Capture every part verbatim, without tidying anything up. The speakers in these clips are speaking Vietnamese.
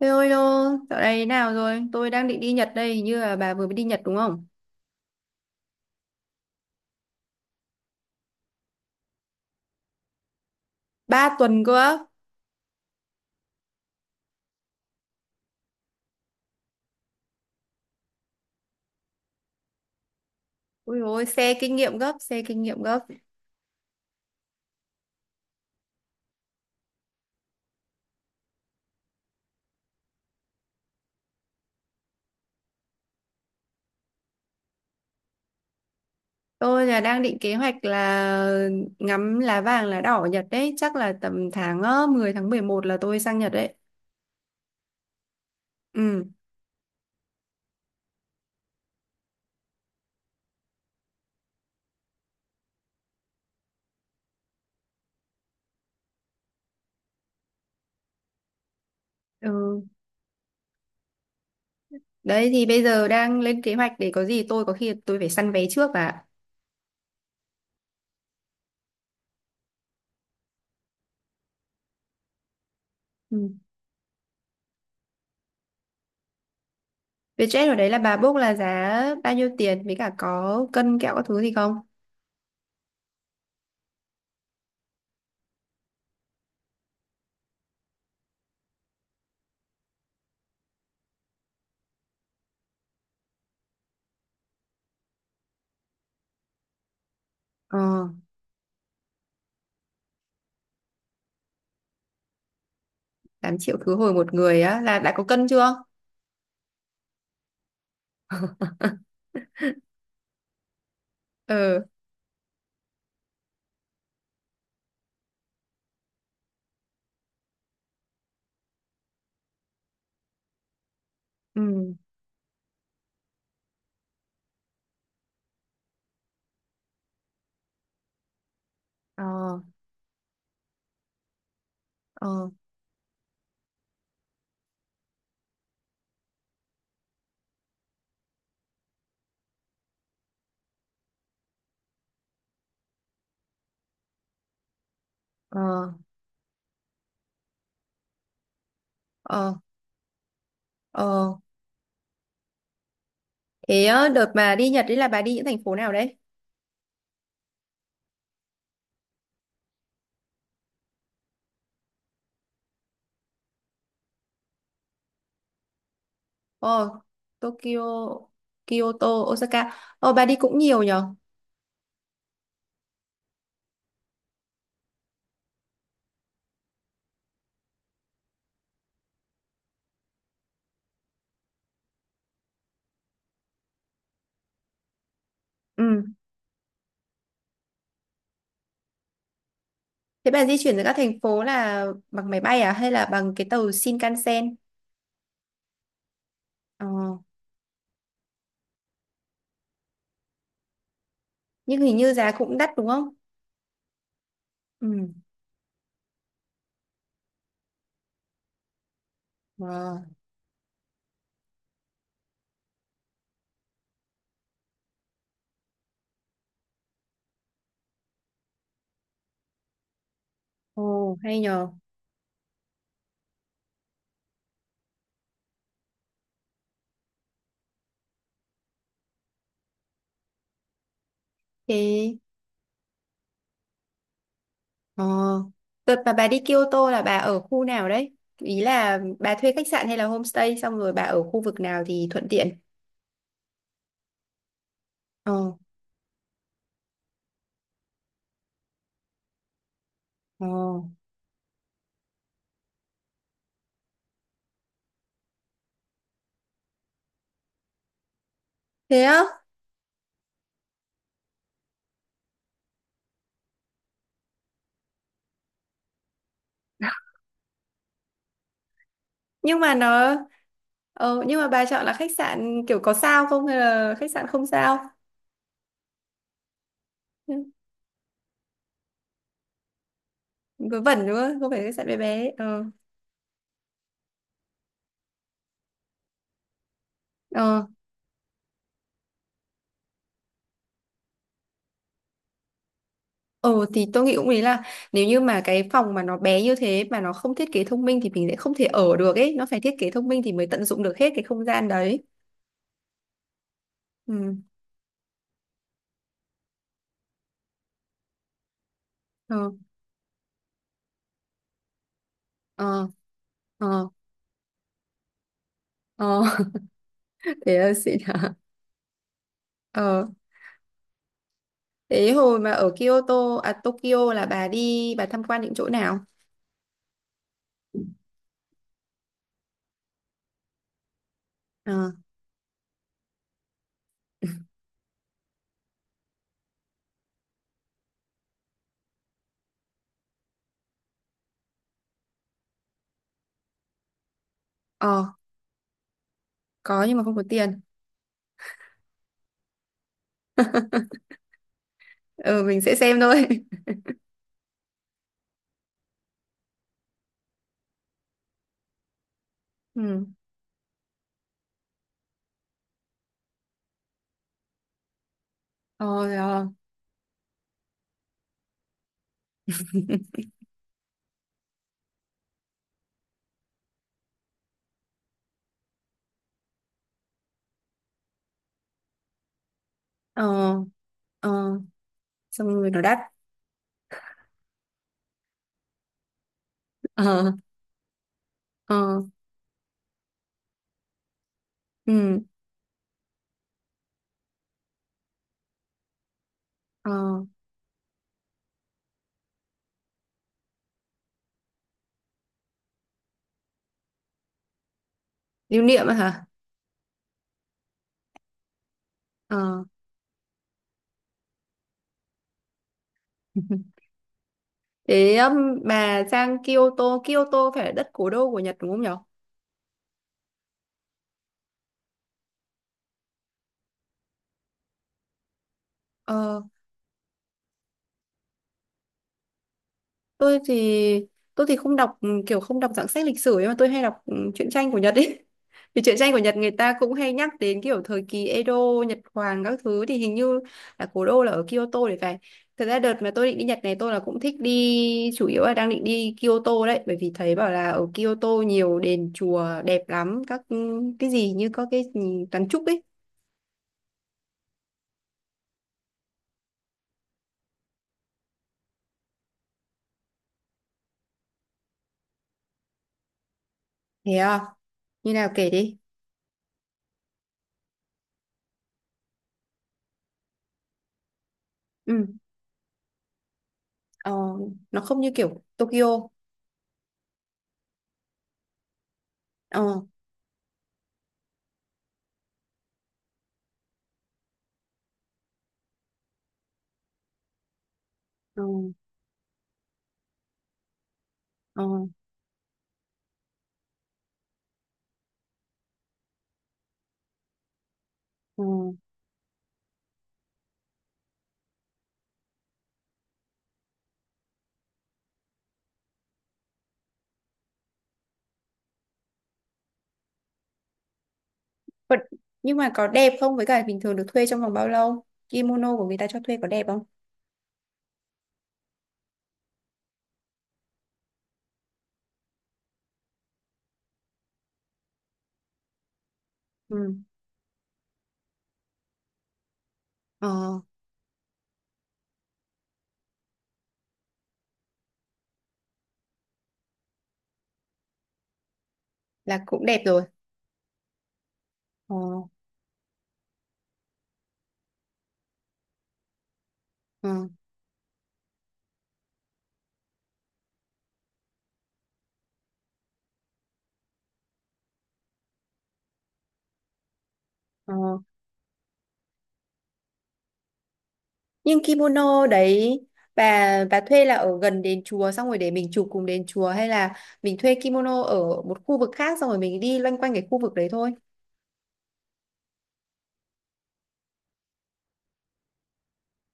Thế ơi đô, dạo này thế nào rồi? Tôi đang định đi Nhật đây, hình như là bà vừa mới đi Nhật đúng không? Ba tuần cơ á. Ui ôi, xe kinh nghiệm gấp, xe kinh nghiệm gấp. Tôi là đang định kế hoạch là ngắm lá vàng lá đỏ ở Nhật đấy, chắc là tầm tháng ờ, mười tháng mười một là tôi sang Nhật đấy. Ừ. Ừ. Đấy thì bây giờ đang lên kế hoạch để có gì tôi có khi tôi phải săn vé trước bà ạ. Ừ. Vietjet ở đấy là bà book là giá bao nhiêu tiền với cả có cân kẹo các thứ gì không? Ờ, tám triệu khứ hồi một người á là đã có cân chưa? Ừ. Ừ. Ờ. Ờ. Ờ. Ờ. Ờ. Thế á, đợt mà đi Nhật đấy là bà đi những thành phố nào đấy? Ờ. Tokyo. Kyoto. Osaka. Ờ, bà đi cũng nhiều nhở. Ừ. Thế bà di chuyển giữa các thành phố là bằng máy bay à hay là bằng cái tàu Shinkansen? Ờ, nhưng hình như giá cũng đắt đúng không? Ừ. Ờ. Ồ, hay nhờ. Thế. Ờ. Đợt mà bà đi Kyoto là bà ở khu nào đấy? Ý là bà thuê khách sạn hay là homestay xong rồi bà ở khu vực nào thì thuận tiện? Ờ. Ờ. Thế á? Nhưng mà nó. Ờ, nhưng mà bà chọn là khách sạn kiểu có sao không hay là khách sạn không sao? Vớ vẩn đúng không? Không phải khách sạn bé bé. Ờ. Ờ. Ờ thì tôi nghĩ cũng ý là nếu như mà cái phòng mà nó bé như thế mà nó không thiết kế thông minh thì mình sẽ không thể ở được ấy, nó phải thiết kế thông minh thì mới tận dụng được hết cái không gian đấy. Ừ. Ờ. Ờ. Ờ. Ờ, thế là xịn hả? Ờ, thế hồi mà ở Kyoto, à Tokyo là bà đi, bà tham quan những chỗ nào? Ờ, ờ, có nhưng mà không có tiền. Ờ, mình sẽ xem thôi. Ừ, ờ, rồi. Ờ, ờ, ờ, xong rồi nó đắt. Ờ, ờ, ừ, ờ, lưu niệm á hả? Ờ, thế um, bà sang Kyoto, Kyoto phải là đất cố đô của Nhật đúng không nhở? Ờ, tôi thì tôi thì không đọc, ừ, kiểu không đọc dạng sách lịch sử ấy mà tôi hay đọc ừ, truyện tranh của Nhật ấy. Vì truyện tranh của Nhật người ta cũng hay nhắc đến kiểu thời kỳ Edo, Nhật Hoàng các thứ thì hình như là cố đô là ở Kyoto để phải. Thật ra đợt mà tôi định đi Nhật này tôi là cũng thích đi, chủ yếu là đang định đi Kyoto đấy, bởi vì thấy bảo là ở Kyoto nhiều đền chùa đẹp lắm, các ừ, cái gì như có cái gì kiến trúc ấy. Thế à? Như nào kể đi. Ừ. Ờ, nó không như kiểu Tokyo. Ờ. Ờ. Ờ. Ờ. Vẫn- nhưng mà có đẹp không? Với cả bình thường được thuê trong vòng bao lâu? Kimono của người ta cho thuê có đẹp không? Ừ. Ờ, là cũng đẹp rồi. Ờ, ờ, ờ. Nhưng kimono đấy, bà bà thuê là ở gần đền chùa xong rồi để mình chụp cùng đền chùa, hay là mình thuê kimono ở một khu vực khác xong rồi mình đi loanh quanh cái khu vực đấy thôi?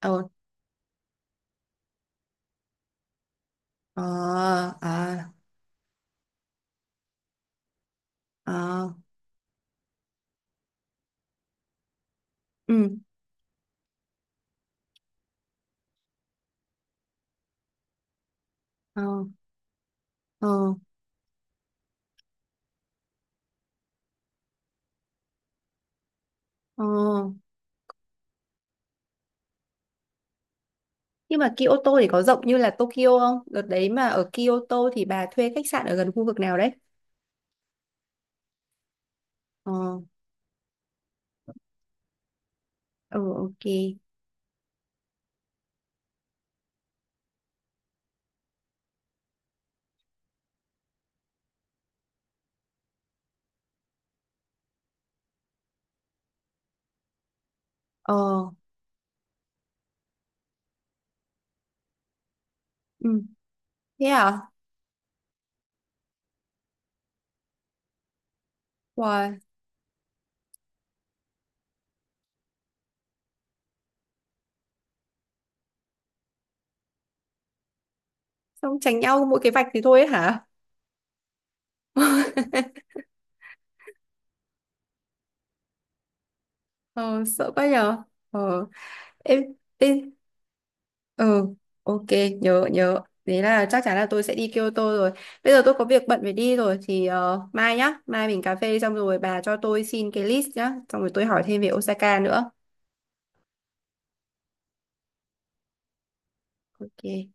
Ờ, ờ, à, à, ừ, ờ, ờ, ờ. Nhưng mà Kyoto thì có rộng như là Tokyo không? Đợt đấy mà ở Kyoto thì bà thuê khách sạn ở gần khu vực nào đấy? Ờ, ừ, ok. Ờ, ừ, thế à? Wow, xong tránh nhau mỗi cái vạch thì thôi ấy hả? Ờ, sợ quá nhờ. Ờ, em, em, ừ, ok, nhớ, nhớ. Thế là chắc chắn là tôi sẽ đi Kyoto rồi. Bây giờ tôi có việc bận phải đi rồi, thì ờ, mai nhá, mai mình cà phê xong rồi bà cho tôi xin cái list nhá, xong rồi tôi hỏi thêm về Osaka nữa. Ok.